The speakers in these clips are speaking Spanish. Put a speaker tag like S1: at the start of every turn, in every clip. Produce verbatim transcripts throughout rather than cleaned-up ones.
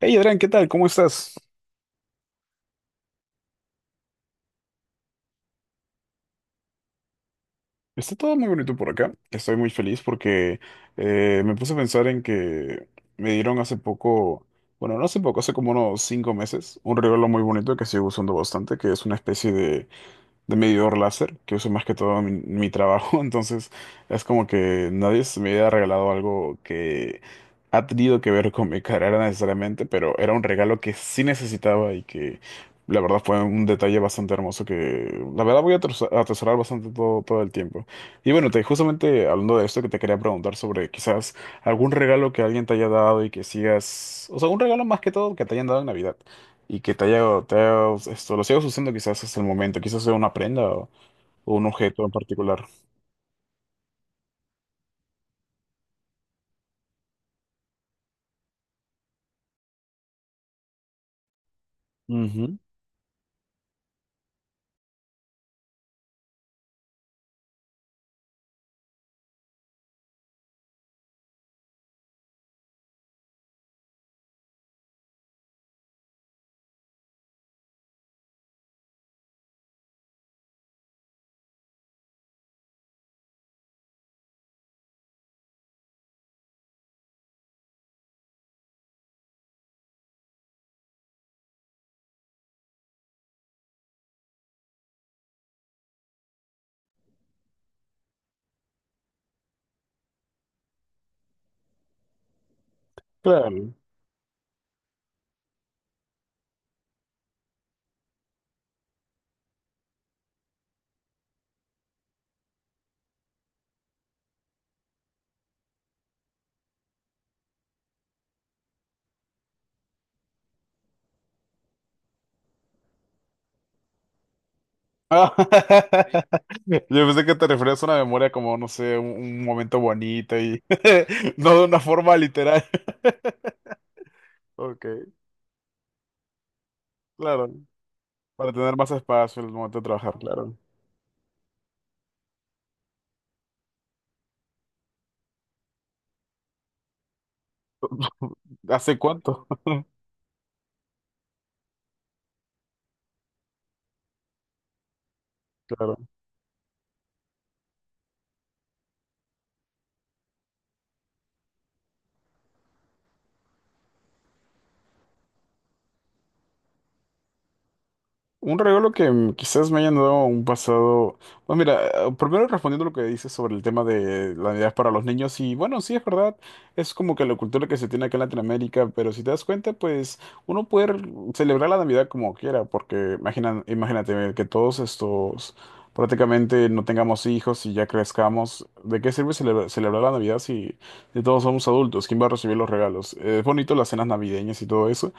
S1: Hey Adrián, ¿qué tal? ¿Cómo estás? Está todo muy bonito por acá. Estoy muy feliz porque eh, me puse a pensar en que me dieron hace poco, bueno, no hace poco, hace como unos cinco meses, un regalo muy bonito que sigo usando bastante, que es una especie de de medidor láser que uso más que todo en mi, en mi trabajo. Entonces es como que nadie se me había regalado algo que ha tenido que ver con mi carrera necesariamente, pero era un regalo que sí necesitaba y que la verdad fue un detalle bastante hermoso que la verdad voy a atros- a atesorar bastante todo, todo el tiempo. Y bueno, te, justamente hablando de esto que te quería preguntar sobre quizás algún regalo que alguien te haya dado y que sigas, o sea, un regalo más que todo que te hayan dado en Navidad y que te haya, te haya- esto, lo sigas usando quizás hasta el momento, quizás sea una prenda o, o un objeto en particular. Ujú. Claro. Ah, Yo pensé que te referías a una memoria como, no sé, un, un momento bonito y no de una forma literal. Ok, claro, para tener más espacio en el momento de trabajar, claro. ¿Hace cuánto? Claro. Un regalo que mm, quizás me hayan dado un pasado. Bueno, mira, eh, primero respondiendo lo que dices sobre el tema de la Navidad para los niños, y bueno, sí es verdad, es como que la cultura que se tiene acá en Latinoamérica, pero si te das cuenta, pues uno puede r- celebrar la Navidad como quiera, porque imagina, imagínate que todos estos prácticamente no tengamos hijos y ya crezcamos. ¿De qué sirve celebra- celebrar la Navidad si, si todos somos adultos? ¿Quién va a recibir los regalos? Eh, Es bonito las cenas navideñas y todo eso.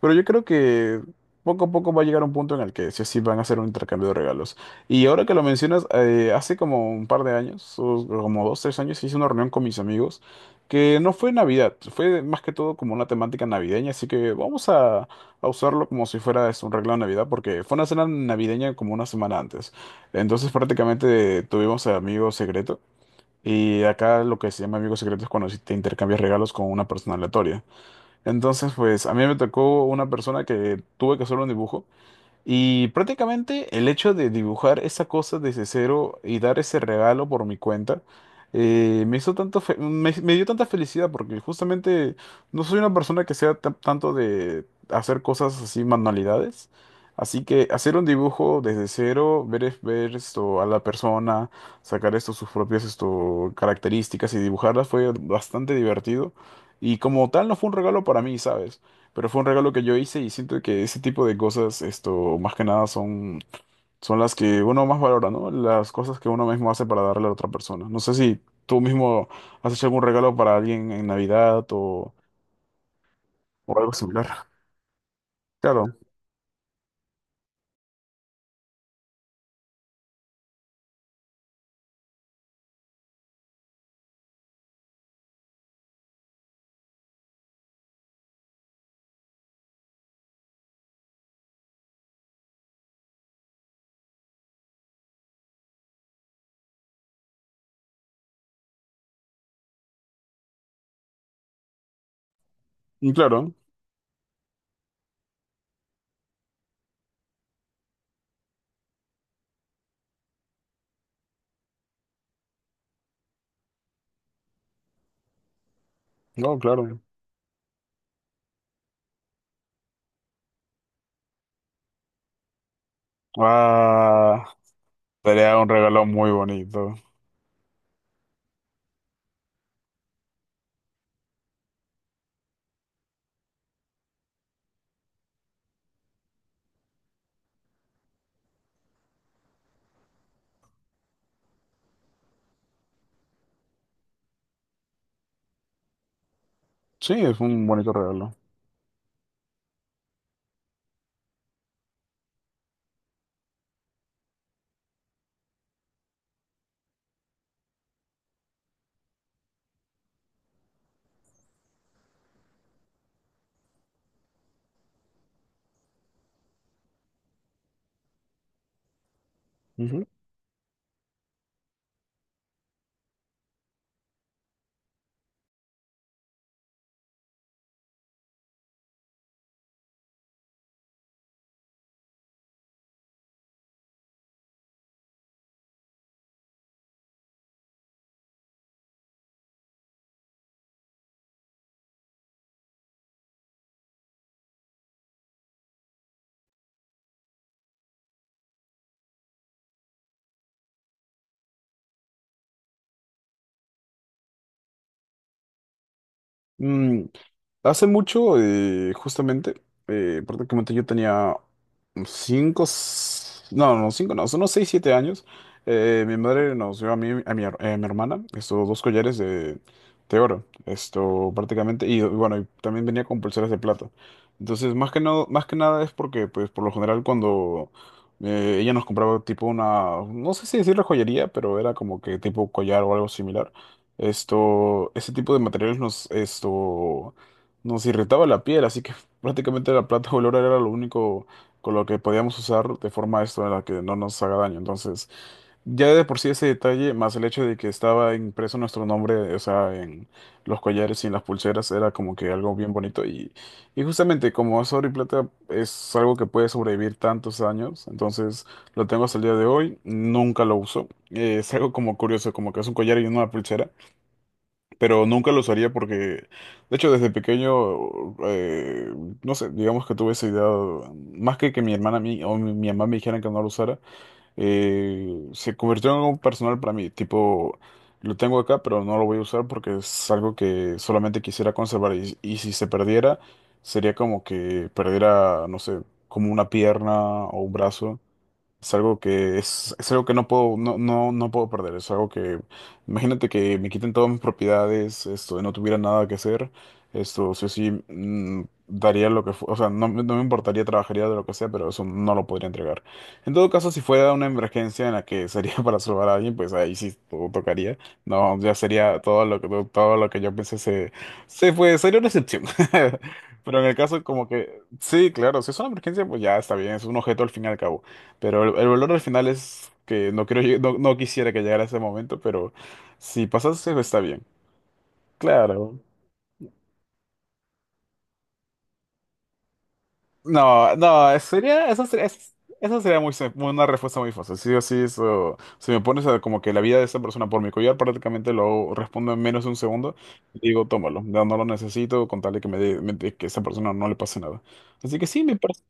S1: Pero yo creo que poco a poco va a llegar un punto en el que sí o sí van a hacer un intercambio de regalos. Y ahora que lo mencionas, eh, hace como un par de años, o como dos, tres años, hice una reunión con mis amigos que no fue Navidad, fue más que todo como una temática navideña, así que vamos a, a usarlo como si fuera es un regalo de Navidad, porque fue una cena navideña como una semana antes. Entonces prácticamente tuvimos a amigo secreto. Y acá lo que se llama amigo secreto es cuando sí te intercambias regalos con una persona aleatoria. Entonces, pues a mí me tocó una persona que tuve que hacer un dibujo. Y prácticamente el hecho de dibujar esa cosa desde cero y dar ese regalo por mi cuenta, eh, me hizo tanto fe- me, me dio tanta felicidad porque justamente no soy una persona que sea tan- tanto de hacer cosas así, manualidades. Así que hacer un dibujo desde cero, ver, es- ver esto a la persona, sacar esto, sus propias esto, características y dibujarlas fue bastante divertido. Y como tal no fue un regalo para mí, ¿sabes? Pero fue un regalo que yo hice y siento que ese tipo de cosas, esto, más que nada son, son las que uno más valora, ¿no? Las cosas que uno mismo hace para darle a la otra persona. No sé si tú mismo has hecho algún regalo para alguien en Navidad o, o algo similar. Claro, y claro, no, claro. Ah, sería un regalo muy bonito. Sí, es un bonito regalo. Ujú. Mm, Hace mucho, eh, justamente, eh, prácticamente yo tenía cinco, s- no, no, cinco, no, son unos seis, siete años. Eh, mi madre nos dio a mí, a mi, her- eh, mi hermana, estos dos collares de, de oro, esto prácticamente, y bueno, y también venía con pulseras de plata. Entonces, más que no, más que nada es porque, pues, por lo general cuando eh, ella nos compraba tipo una, no sé si decirle joyería, pero era como que tipo collar o algo similar. Esto, ese tipo de materiales nos, esto nos irritaba la piel, así que prácticamente la plata color era lo único con lo que podíamos usar de forma esto en la que no nos haga daño. Entonces, ya de por sí ese detalle, más el hecho de que estaba impreso nuestro nombre, o sea, en los collares y en las pulseras, era como que algo bien bonito. Y, y justamente como es oro y plata, es algo que puede sobrevivir tantos años. Entonces, lo tengo hasta el día de hoy, nunca lo uso. Eh, es algo como curioso, como que es un collar y una pulsera pero nunca lo usaría porque, de hecho, desde pequeño, eh, no sé, digamos que tuve esa idea, más que que mi hermana mi, o mi, mi mamá me dijeran que no lo usara, eh, se convirtió en algo personal para mí, tipo, lo tengo acá, pero no lo voy a usar porque es algo que solamente quisiera conservar y, y si se perdiera, sería como que perdiera, no sé, como una pierna o un brazo. Es algo que es, es algo que no puedo, no, no, no puedo perder. Es algo que, imagínate que me quiten todas mis propiedades, esto, no tuviera nada que hacer, esto, sí o sí, mm, daría lo que, fu- o sea, no, me- no me importaría, trabajaría de lo que sea, pero eso no lo podría entregar. En todo caso, si fuera una emergencia en la que sería para salvar a alguien, pues ahí sí to- tocaría. No, ya sería todo lo que, todo lo que yo pensé se, se fue, sería una excepción. Pero en el caso como que, sí, claro, si es una emergencia, pues ya está bien, es un objeto al fin y al cabo. Pero el, el valor al final es que no quiero, lleg- no, no quisiera que llegara ese momento, pero si pasase está bien. Claro. No, no, sería, eso sería, es- eso sería muy, sim- una respuesta muy fácil. Sí o sí, eso, si me pones a como que la vida de esa persona por mi collar, prácticamente lo respondo en menos de un segundo y digo, tómalo, no, no lo necesito con tal de que me dé- me dé- que a esa persona no le pase nada. Así que sí, me parece.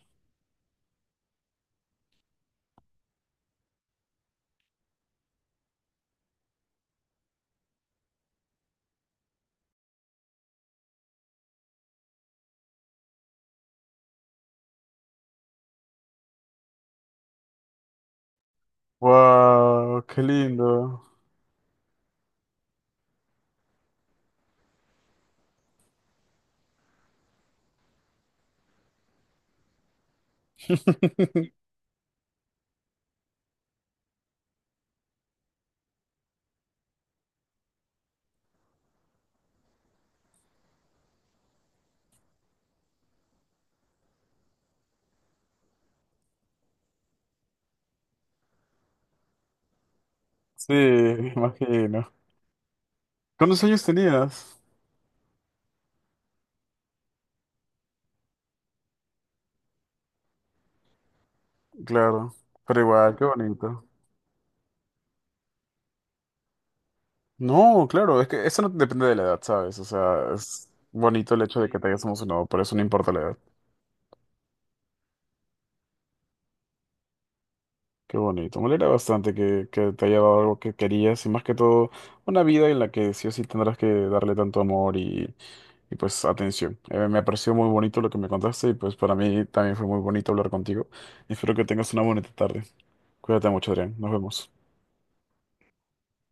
S1: Wow, qué lindo. Sí, me imagino. ¿Cuántos años tenías? Claro, pero igual, qué bonito. No, claro, es que eso no depende de la edad, ¿sabes? O sea, es bonito el hecho de que te hayas emocionado, pero eso no importa la edad. Qué bonito. Me alegra bastante que, que te haya dado algo que querías y más que todo una vida en la que sí o sí tendrás que darle tanto amor y, y, pues atención. Eh, me pareció muy bonito lo que me contaste y pues para mí también fue muy bonito hablar contigo. Espero que tengas una bonita tarde. Cuídate mucho, Adrián. Nos vemos.